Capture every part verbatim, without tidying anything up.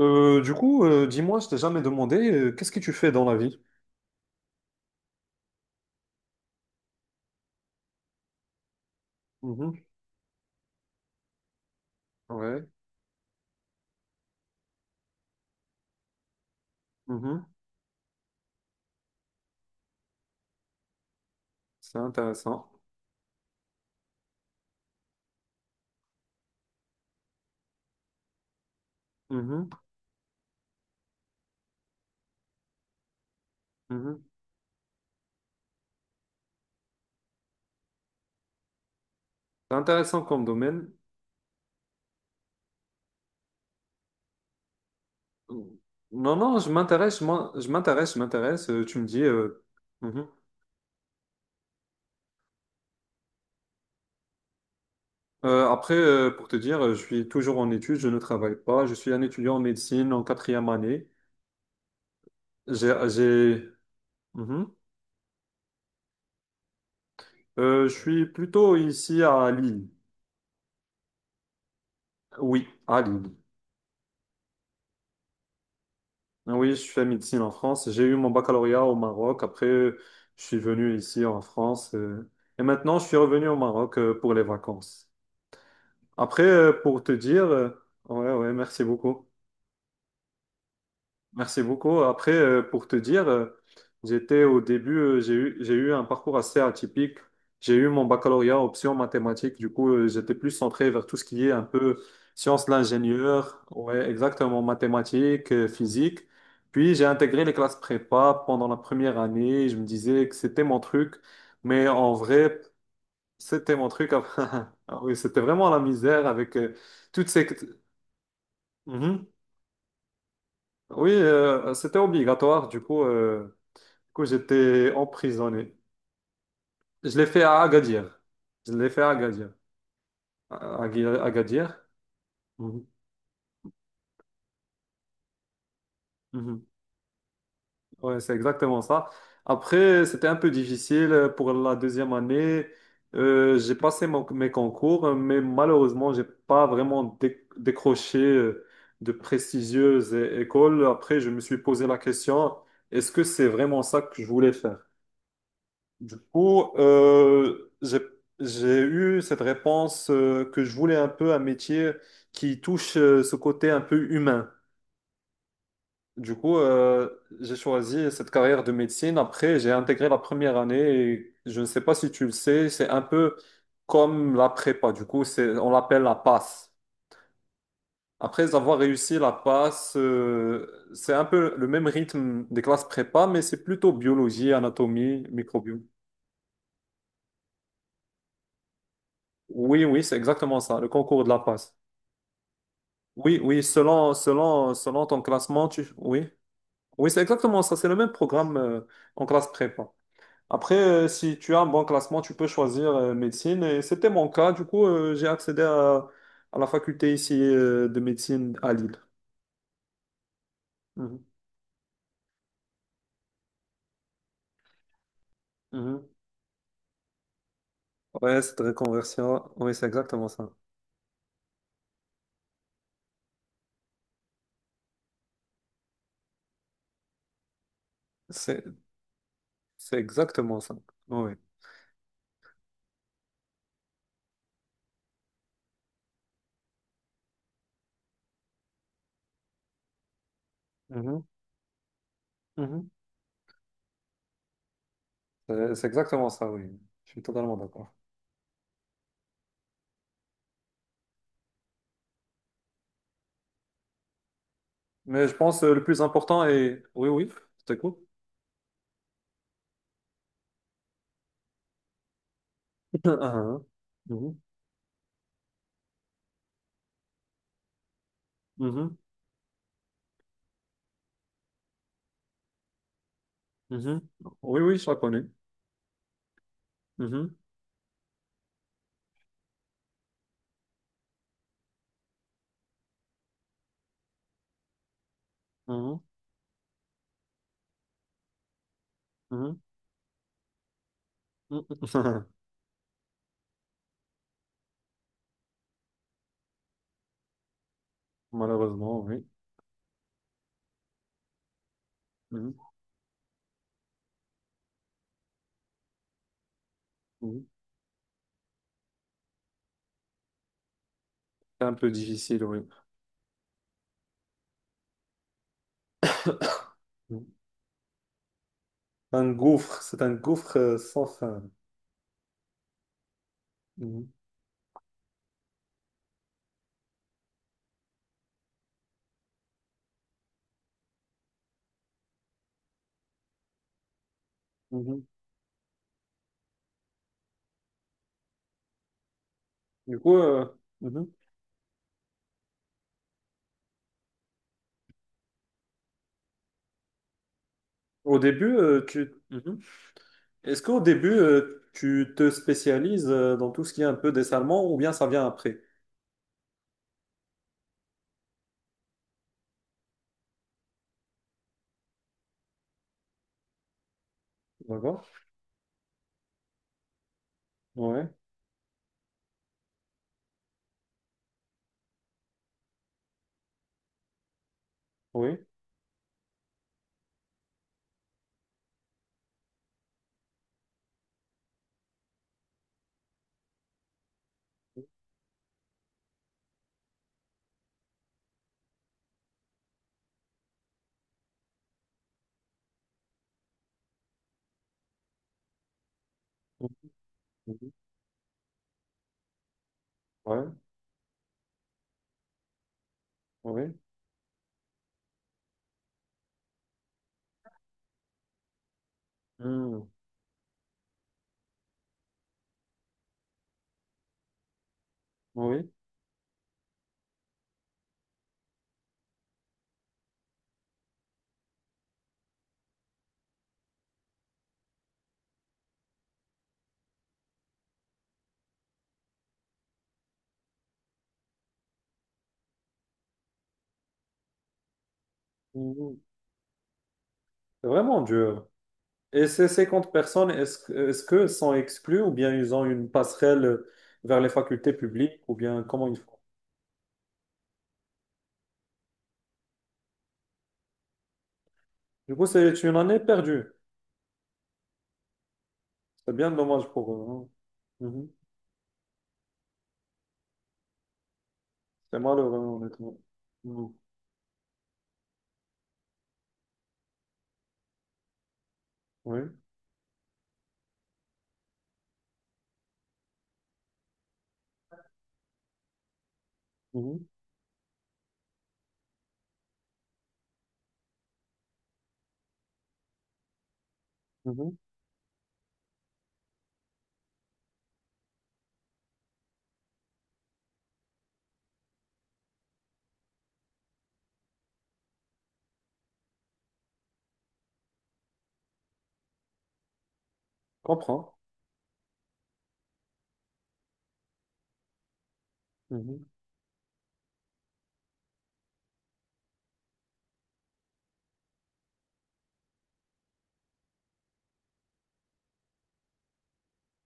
Euh, du coup, euh, dis-moi, je t'ai jamais demandé, euh, qu'est-ce que tu fais dans la vie? Mhm. Ouais. Mhm. C'est intéressant. Mhm. Mhm. C'est intéressant comme domaine. Mmh. Non, non, je m'intéresse, je m'en- je m'intéresse, je m'intéresse. Euh, tu me dis. Euh, mhm. Euh, après, euh, pour te dire, euh, je suis toujours en études, je ne travaille pas. Je suis un étudiant en médecine en quatrième année. J'ai, j'ai- mhm. Euh, je suis plutôt ici à Lille. Oui, à Lille. Ah oui, je fais médecine en France. J'ai eu mon baccalauréat au Maroc. Après, je suis venu ici en France. Euh, et maintenant, je suis revenu au Maroc euh, pour les vacances. Après, euh, pour te dire, euh, ouais, ouais, merci beaucoup. Merci beaucoup. Après, euh, pour te dire, euh, j'étais au début, euh, j'ai eu, j'ai eu un parcours assez atypique. J'ai eu mon baccalauréat option mathématiques. Du coup, euh, j'étais plus centré vers tout ce qui est un peu sciences de l'ingénieur. Ouais, exactement, mathématiques, euh, physique. Puis, j'ai intégré les classes prépa pendant la première année. Je me disais que c'était mon truc. Mais en vrai, c'était mon truc. Ah oui, c'était vraiment la misère avec euh, toutes ces. Mhm. Oui, euh, c'était obligatoire. Du coup... euh, Du coup, j'étais emprisonné. Je l'ai fait à Agadir. Je l'ai fait à Agadir. À- à Agui- Agadir. Mhm. Mhm. Ouais, c'est exactement ça. Après, c'était un peu difficile pour la deuxième année. Euh, j'ai passé mon- mes concours, mais malheureusement, j'ai pas vraiment dé- décroché euh, de prestigieuses é- écoles. Après, je me suis posé la question, est-ce que c'est vraiment ça que je voulais faire? Du coup, euh, j'ai, j'ai eu cette réponse euh, que je voulais un peu un métier qui touche euh, ce côté un peu humain. Du coup, euh, j'ai choisi cette carrière de médecine. Après, j'ai intégré la première année et je ne sais pas si tu le sais, c'est un peu comme la prépa. Du coup, c'est, on l'appelle la passe. Après avoir réussi la passe, euh, c'est un peu le même rythme des classes prépa, mais c'est plutôt biologie, anatomie, microbiome. Oui, oui, c'est exactement ça, le concours de la passe. Oui, oui, selon, selon, selon ton classement, tu... oui. Oui, c'est exactement ça, c'est le même programme euh, en classe prépa. Après, euh, si tu as un bon classement, tu peux choisir euh, médecine. Et c'était mon cas, du coup, euh, j'ai accédé à, à la faculté ici euh, de médecine à Lille. Mhm, mhm. Ouais, cette reconversion, oui, c'est exactement ça. C'est c'est exactement ça. Oui. Mhm, mhm. C'est c'est exactement ça, oui. Je suis totalement d'accord. Mais je pense euh, le plus important est. Oui, oui, c'est cool. Ah, ah. Mhm, mhm, mhm. Oui, oui, je la connais. Mhm, mhm, mhm, mhm. Malheureusement, oui. Mhm, mhm. C'est un peu difficile, oui. Mhm. Un gouffre, c'est un gouffre euh, sans fin. Mhm, mhm. Du coup, euh, mhm. Au début, euh, tu... mhm. Est-ce qu'au début, euh, tu te spécialises euh, dans tout ce qui est un peu dessalement ou bien ça vient après? D'accord? Ouais, oui. Mhm, mhm. Ouais, oui. Mhm, oui. Mhm. C'est vraiment dur. Et ces cinquante personnes, est-ce, que- est-ce que sont exclues ou bien ils ont une passerelle vers les facultés publiques ou bien comment ils font? Du coup, c'est une année perdue. C'est bien dommage pour eux. Hein. Mhm. C'est malheureux, honnêtement. Mhm. Oui. Mhm. Mhm. Comprends. Mhm.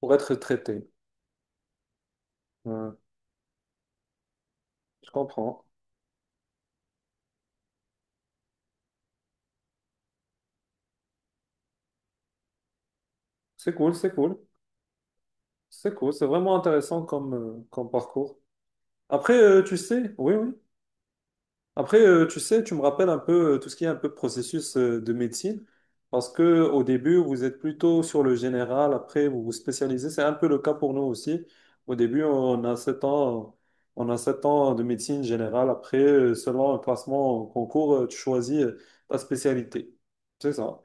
Pour être traité. Ouais. Je comprends. C'est cool, c'est cool. C'est cool. C'est vraiment intéressant comme, euh, comme parcours. Après, euh, tu sais, oui, oui. Après, euh, tu sais, tu me rappelles un peu euh, tout ce qui est un peu processus euh, de médecine, parce que au début, vous êtes plutôt sur le général, après, vous vous spécialisez. C'est un peu le cas pour nous aussi. Au début, on a sept ans, on a sept ans de médecine générale. Après, euh, selon un classement au concours, euh, tu choisis euh, ta spécialité. C'est ça.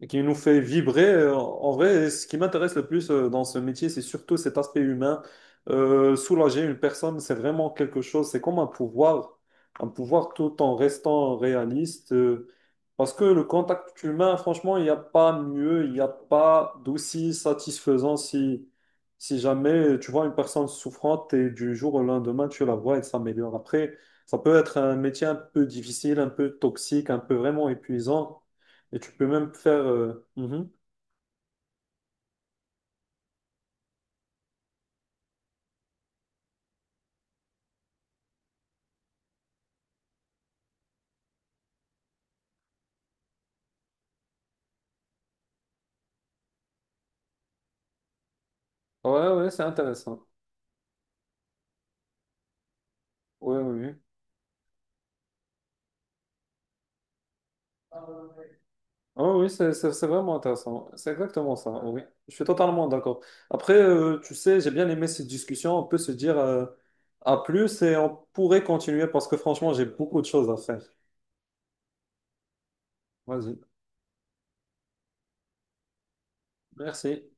Et qui nous fait vibrer. Euh, En vrai, ce qui m'intéresse le plus euh, dans ce métier, c'est surtout cet aspect humain. Euh, soulager une personne, c'est vraiment quelque chose, c'est comme un pouvoir, un pouvoir tout en restant réaliste. euh, Parce que le contact humain, franchement, il n'y a pas mieux, il n'y a pas d'aussi satisfaisant si, si jamais tu vois une personne souffrante et du jour au lendemain, tu la vois, elle s'améliore. Après, ça peut être un métier un peu difficile, un peu toxique, un peu vraiment épuisant. Et tu peux même faire. Euh, mhm. Ouais, ouais, c'est intéressant. Ouais, oui, oui. Oh oui, c'est c'est- c'est vraiment intéressant. C'est exactement ça. Oui, je suis totalement d'accord. Après, euh, tu sais, j'ai bien aimé cette discussion. On peut se dire euh, à plus et on pourrait continuer parce que franchement, j'ai beaucoup de choses à faire. Vas-y. Merci.